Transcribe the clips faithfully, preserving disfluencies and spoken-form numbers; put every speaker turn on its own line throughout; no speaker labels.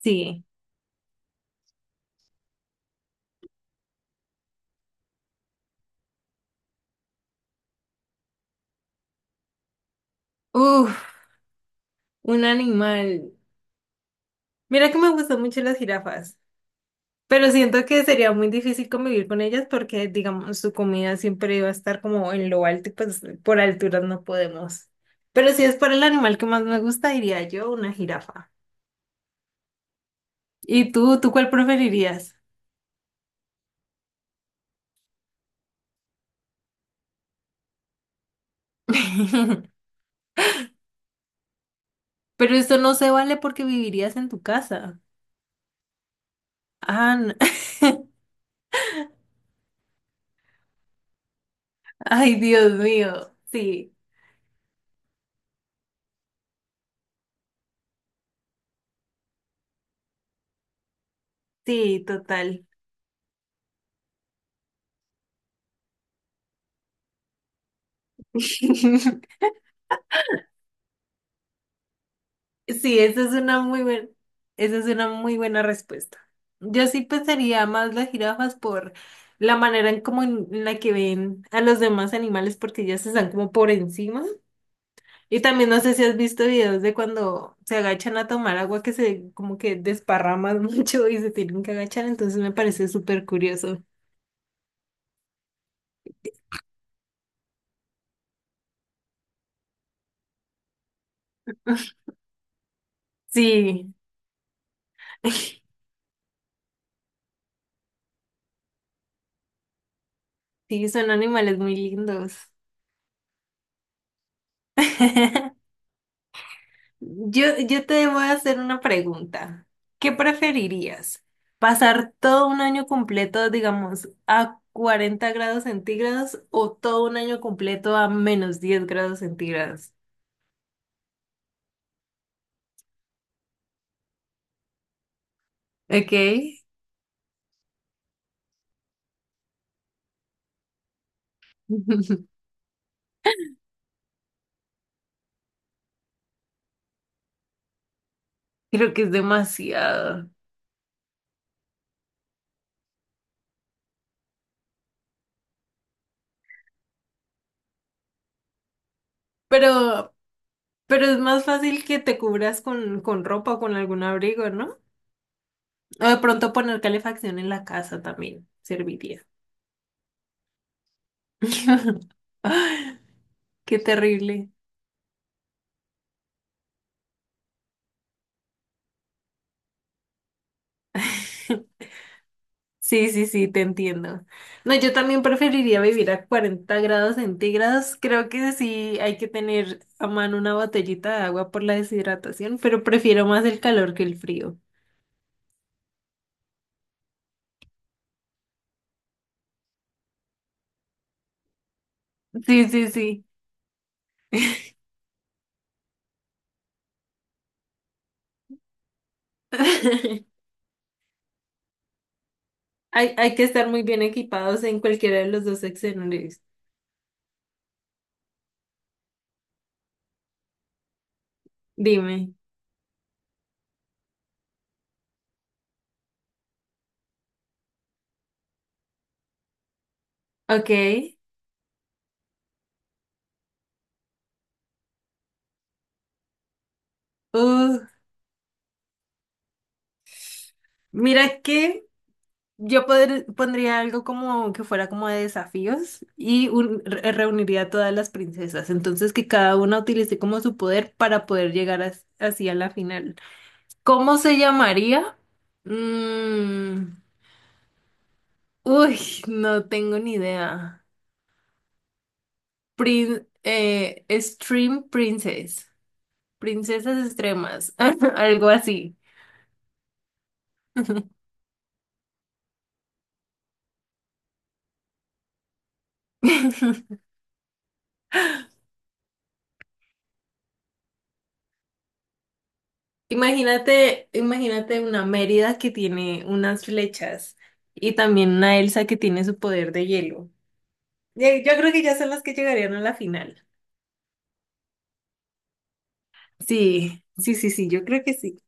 Sí. Uf, un animal. Mira que me gustan mucho las jirafas, pero siento que sería muy difícil convivir con ellas porque, digamos, su comida siempre iba a estar como en lo alto y pues por alturas no podemos. Pero si es por el animal que más me gusta, diría yo una jirafa. ¿Y tú, tú cuál preferirías? Pero esto no se vale porque vivirías en tu casa. Ah, n- Ay, Dios mío. Sí, sí, total. Sí, esa es una muy buena, esa es una muy buena respuesta. Yo sí pensaría más las jirafas por la manera en como en en la que ven a los demás animales porque ellas están como por encima. Y también no sé si has visto videos de cuando se agachan a tomar agua que se como que desparraman mucho y se tienen que agachar, entonces me parece súper curioso. Sí, sí, son animales muy lindos. Yo, yo te voy a hacer una pregunta. ¿Qué preferirías? ¿Pasar todo un año completo, digamos, a cuarenta grados centígrados o todo un año completo a menos diez grados centígrados? Ok. Creo que es demasiado. Pero, pero es más fácil que te cubras con, con ropa o con algún abrigo, ¿no? O de pronto poner calefacción en la casa también serviría. Qué terrible. Sí, sí, sí, te entiendo. No, yo también preferiría vivir a cuarenta grados centígrados. Creo que sí hay que tener a mano una botellita de agua por la deshidratación, pero prefiero más el calor que el frío. Sí, sí, sí. Hay, hay que estar muy bien equipados en cualquiera de los dos escenarios. Dime. Ok. Uh, mira que Yo podr- pondría algo como que fuera como de desafíos y un- re- reuniría a todas las princesas. Entonces que cada una utilice como su poder para poder llegar as- así a la final. ¿Cómo se llamaría? Mm, uy, no tengo ni idea. Prin- eh, Stream Princess. Princesas extremas. Algo así. Imagínate, imagínate una Mérida que tiene unas flechas y también una Elsa que tiene su poder de hielo. Ye- Yo creo que ya son las que llegarían a la final. Sí, sí, sí, sí, yo creo que sí.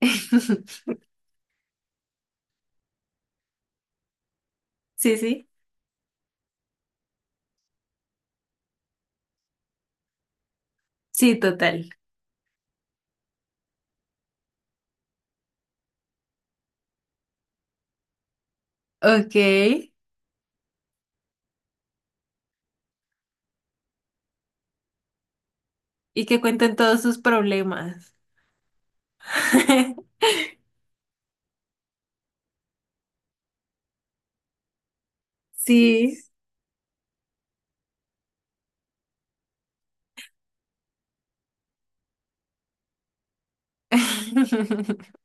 Sí, sí, sí, total. Ok. Y que cuenten todos sus problemas. Sí.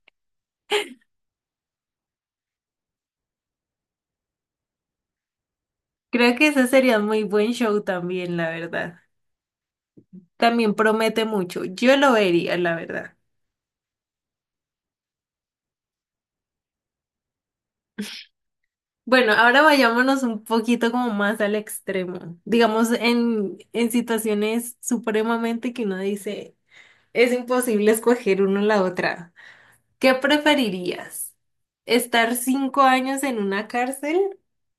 Creo que ese sería un muy buen show también, la verdad. También promete mucho. Yo lo vería, la verdad. Bueno, ahora vayámonos un poquito como más al extremo. Digamos, en, en situaciones supremamente que uno dice, es imposible escoger uno la otra. ¿Qué preferirías? ¿Estar cinco años en una cárcel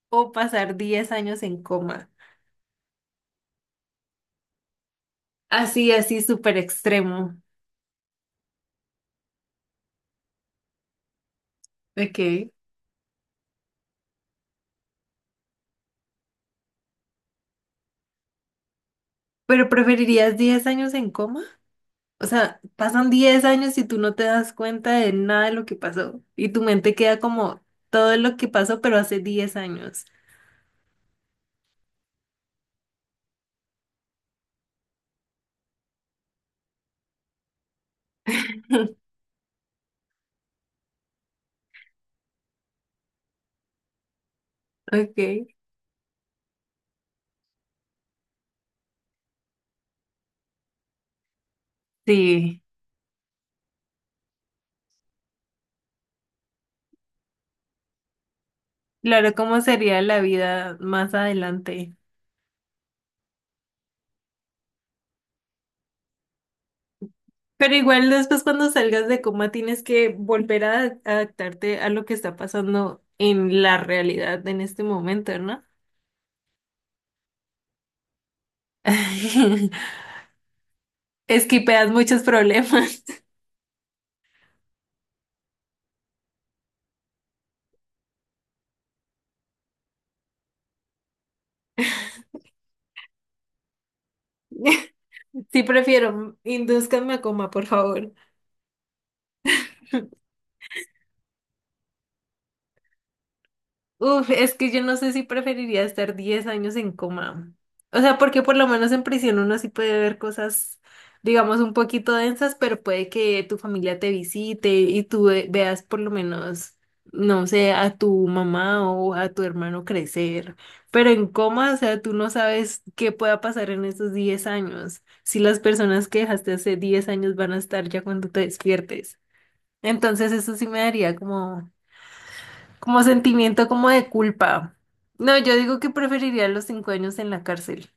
o pasar diez años en coma? Así, así, súper extremo. Ok. ¿Pero preferirías diez años en coma? O sea, pasan diez años y tú no te das cuenta de nada de lo que pasó. Y tu mente queda como todo lo que pasó, pero hace diez años. Ok, sí. Claro, cómo sería la vida más adelante. Pero igual después cuando salgas de coma tienes que volver a adaptarte a lo que está pasando en la realidad en este momento, ¿no? Esquipeas muchos problemas. Sí, prefiero, indúzcanme a coma, por favor. Uf, es que yo no sé si preferiría estar diez años en coma. O sea, porque por lo menos en prisión uno sí puede ver cosas, digamos, un poquito densas, pero puede que tu familia te visite y tú ve- veas por lo menos, no sé, a tu mamá o a tu hermano crecer. Pero en coma, o sea, tú no sabes qué pueda pasar en esos diez años, si las personas que dejaste hace diez años van a estar ya cuando te despiertes. Entonces eso sí me daría como como sentimiento como de culpa. No, yo digo que preferiría los cinco años en la cárcel.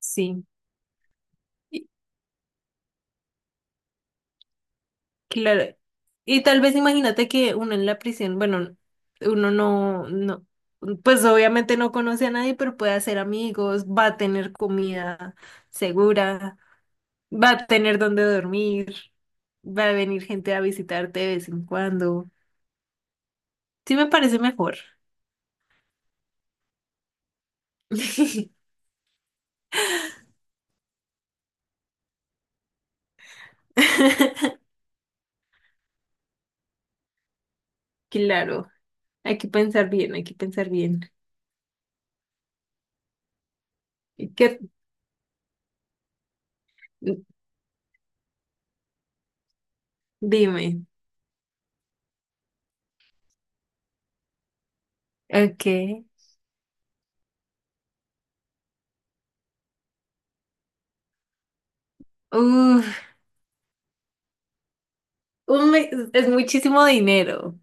Sí, y- claro. Y tal vez imagínate que uno en la prisión, bueno, uno no, no, pues obviamente no conoce a nadie, pero puede hacer amigos, va a tener comida segura, va a tener donde dormir, va a venir gente a visitarte de vez en cuando. Sí me parece mejor. Claro, hay que pensar bien, hay que pensar bien. ¿Qué Dime. Ok. Uf, un mes es muchísimo dinero.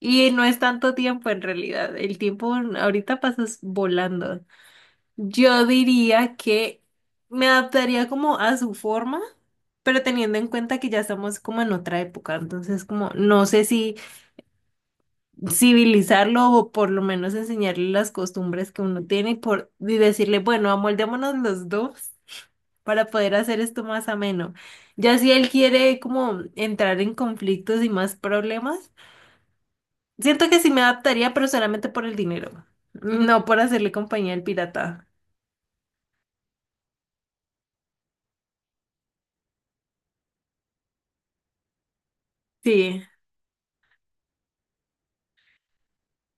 Y no es tanto tiempo en realidad. El tiempo ahorita pasas volando. Yo diría que me adaptaría como a su forma, pero teniendo en cuenta que ya estamos como en otra época. Entonces, como no sé si civilizarlo o por lo menos enseñarle las costumbres que uno tiene y, por, y decirle, bueno, amoldémonos los dos para poder hacer esto más ameno. Ya si él quiere como entrar en conflictos y más problemas, siento que sí me adaptaría, pero solamente por el dinero, no por hacerle compañía al pirata. Sí,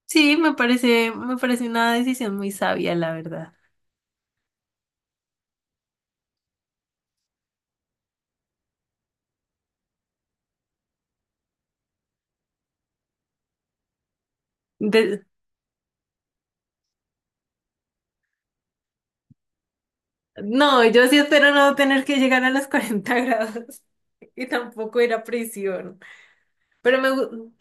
sí, me parece, me parece una decisión muy sabia, la verdad. De- no, yo sí espero no tener que llegar a los cuarenta grados y tampoco ir a prisión. Pero me, gu-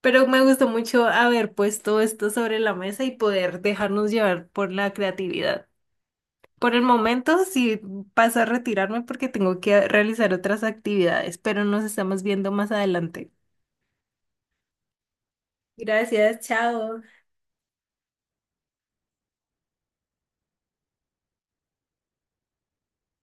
pero me gustó mucho haber puesto esto sobre la mesa y poder dejarnos llevar por la creatividad. Por el momento sí paso a retirarme porque tengo que realizar otras actividades, pero nos estamos viendo más adelante. Gracias, chao.